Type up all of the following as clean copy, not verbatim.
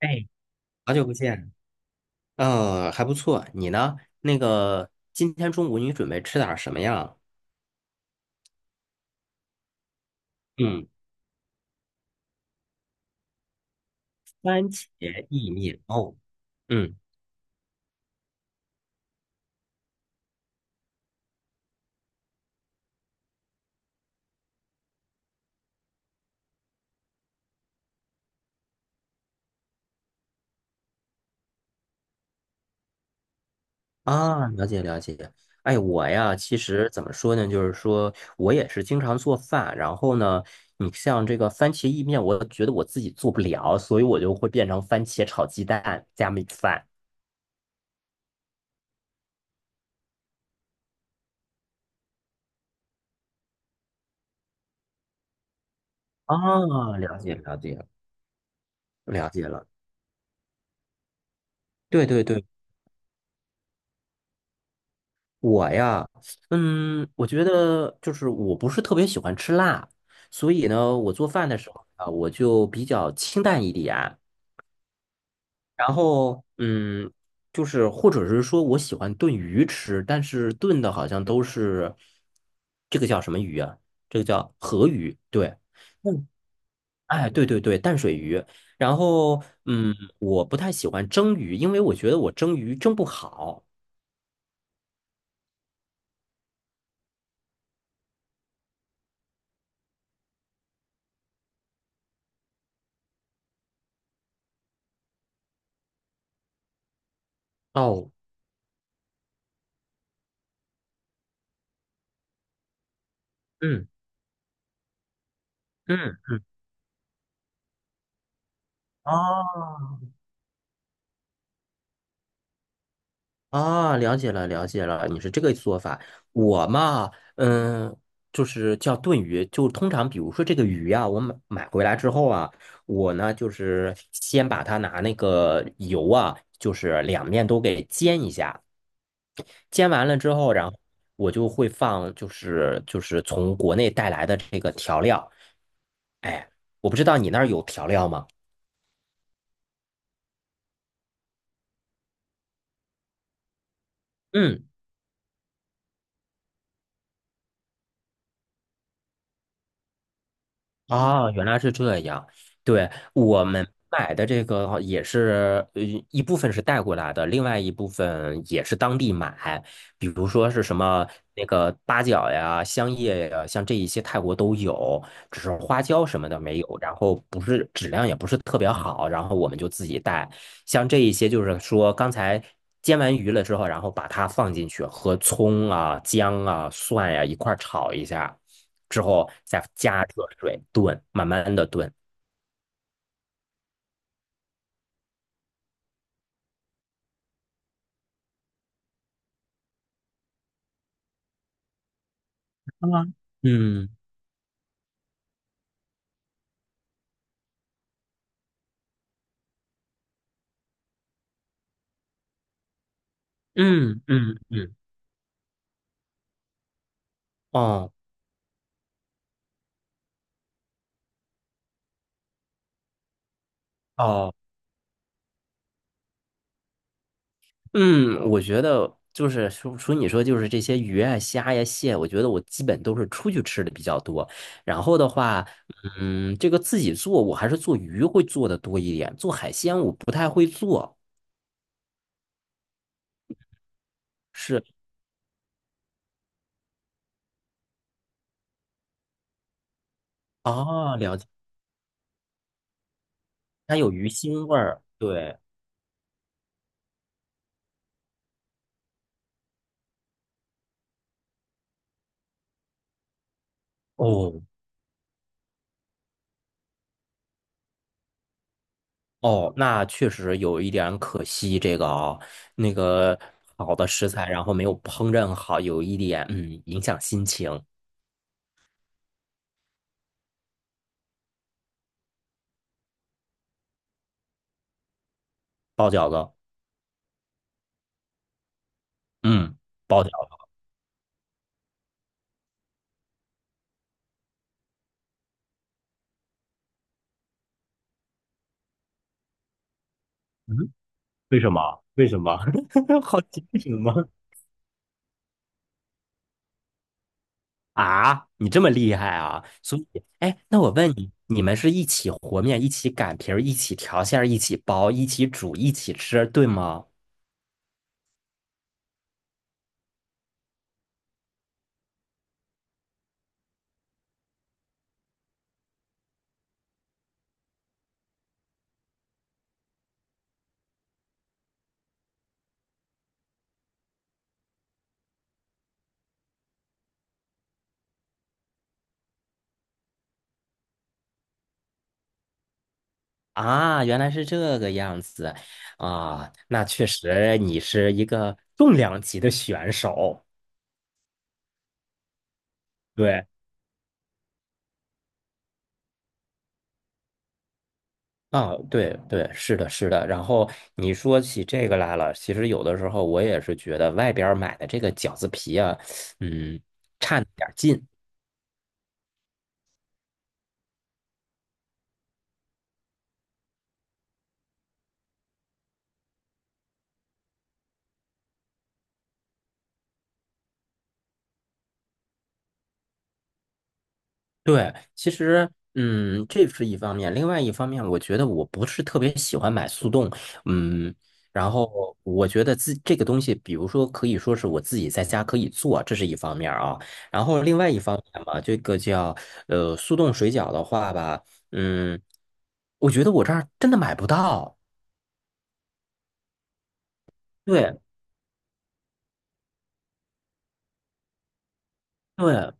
哎，好久不见，嗯，还不错。你呢？那个，今天中午你准备吃点儿什么呀？嗯，番茄意面哦。嗯啊，了解了解。哎，我呀，其实怎么说呢，就是说我也是经常做饭，然后呢，你像这个番茄意面，我觉得我自己做不了，所以我就会变成番茄炒鸡蛋加米饭。啊，了解了解了解了。对对对我呀，嗯，我觉得就是我不是特别喜欢吃辣，所以呢，我做饭的时候啊，我就比较清淡一点。然后，嗯，就是或者是说我喜欢炖鱼吃，但是炖的好像都是这个叫什么鱼啊？这个叫河鱼，对，嗯，哎，对对对，淡水鱼。然后，嗯，我不太喜欢蒸鱼，因为我觉得我蒸鱼蒸不好。哦，嗯嗯嗯，哦。啊，了解了，了解了，你是这个做法。我嘛，嗯，就是叫炖鱼，就通常比如说这个鱼啊，我买回来之后啊，我呢就是先把它拿那个油啊，就是两面都给煎一下，煎完了之后，然后我就会放就是从国内带来的这个调料。哎，我不知道你那儿有调料吗？嗯。哦，原来是这样。对，我嗯们买的这个也是，一部分是带过来的，另外一部分也是当地买，比如说是什么那个八角呀、香叶呀，像这一些泰国都有，只是花椒什么的没有，然后不是质量也不是特别好，然后我们就自己带。像这一些就是说刚才。煎完鱼了之后，然后把它放进去，和葱啊、姜啊、蒜呀、一块儿炒一下。之后再加热水炖，慢慢的炖。嗯嗯嗯嗯，哦哦，嗯，我觉得就是说你说就是这些鱼啊、虾呀、蟹，我觉得我基本都是出去吃的比较多。然后的话，嗯，这个自己做我还是做鱼会做的多一点，做海鲜我不太会做。是啊，了解，它有鱼腥味儿。对，哦，哦，那确实有一点可惜，这个啊、那个好的食材，然后没有烹饪好，有一点影响心情。包饺子，嗯，包饺子，嗯，为什么？为什么？好奇为什么？啊，你这么厉害啊！所以，哎，那我问你，你们是一起和面、一起擀皮儿、一起调馅儿、一起包、一起煮、一起吃，对吗？啊，原来是这个样子啊，那确实你是一个重量级的选手，对。啊，对对，是的，是的。然后你说起这个来了，其实有的时候我也是觉得外边儿买的这个饺子皮啊，嗯，差那点儿劲。对，其实，嗯，这是一方面，另外一方面，我觉得我不是特别喜欢买速冻，嗯，然后我觉得自这个东西，比如说可以说是我自己在家可以做，这是一方面啊，然后另外一方面嘛，这个叫速冻水饺的话吧，嗯，我觉得我这儿真的买不到，对对。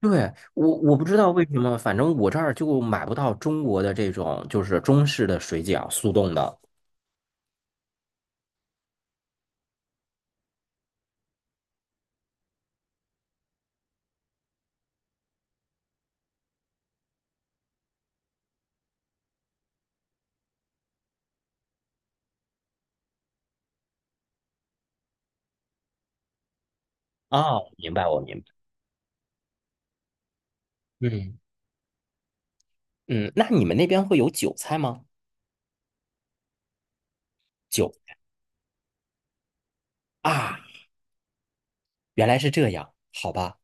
对，我不知道为什么，反正我这儿就买不到中国的这种就是中式的水饺，速冻的。哦，明白，我明白。嗯嗯，那你们那边会有韭菜吗？韭啊，原来是这样，好吧，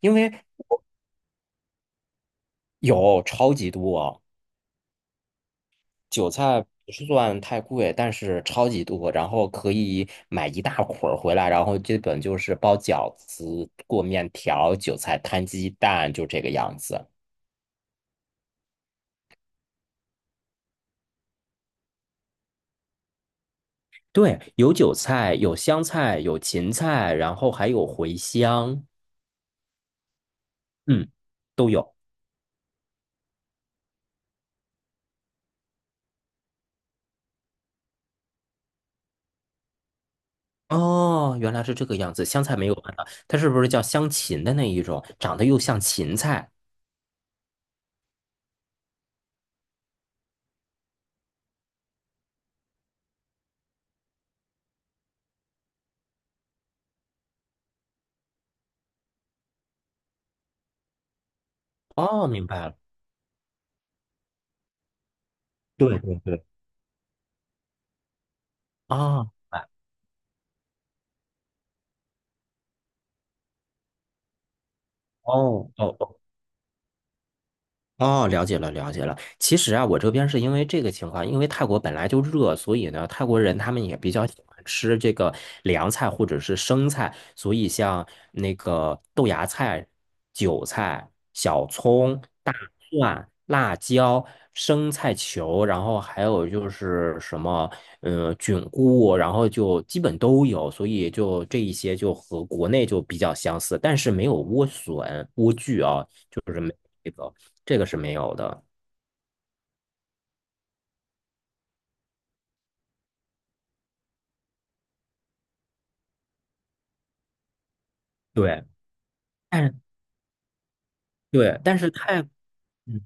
因为有超级多，韭菜不是算太贵，但是超级多，然后可以买一大捆儿回来，然后基本就是包饺子、过面条、韭菜摊鸡蛋，就这个样子。对，有韭菜，有香菜，有芹菜，然后还有茴香，嗯，都有。哦，原来是这个样子。香菜没有看到，它是不是叫香芹的那一种？长得又像芹菜。哦，明白了。对对对。哦，明白。哦哦哦哦，了解了，了解了。其实啊，我这边是因为这个情况，因为泰国本来就热，所以呢，泰国人他们也比较喜欢吃这个凉菜或者是生菜，所以像那个豆芽菜、韭菜、小葱、大蒜、辣椒、生菜球，然后还有就是什么，菌菇，然后就基本都有，所以就这一些就和国内就比较相似，但是没有莴笋、莴苣啊，就是没有这个。这个是没有的。对，但是对，但是泰，嗯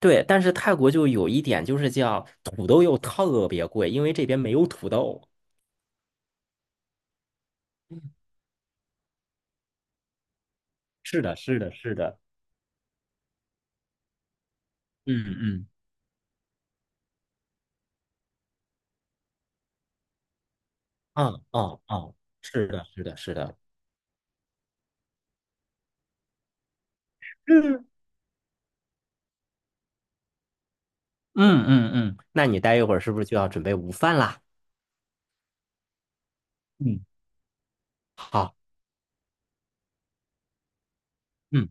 对，但是泰国就有一点就是叫土豆又特别贵，因为这边没有土豆。是的，是的，是的，嗯嗯，嗯啊啊啊，是的，是的，是的，嗯嗯嗯嗯，那你待一会儿是不是就要准备午饭啦？嗯，好，嗯，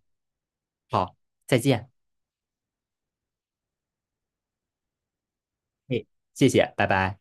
好，再见，哎，谢谢，拜拜。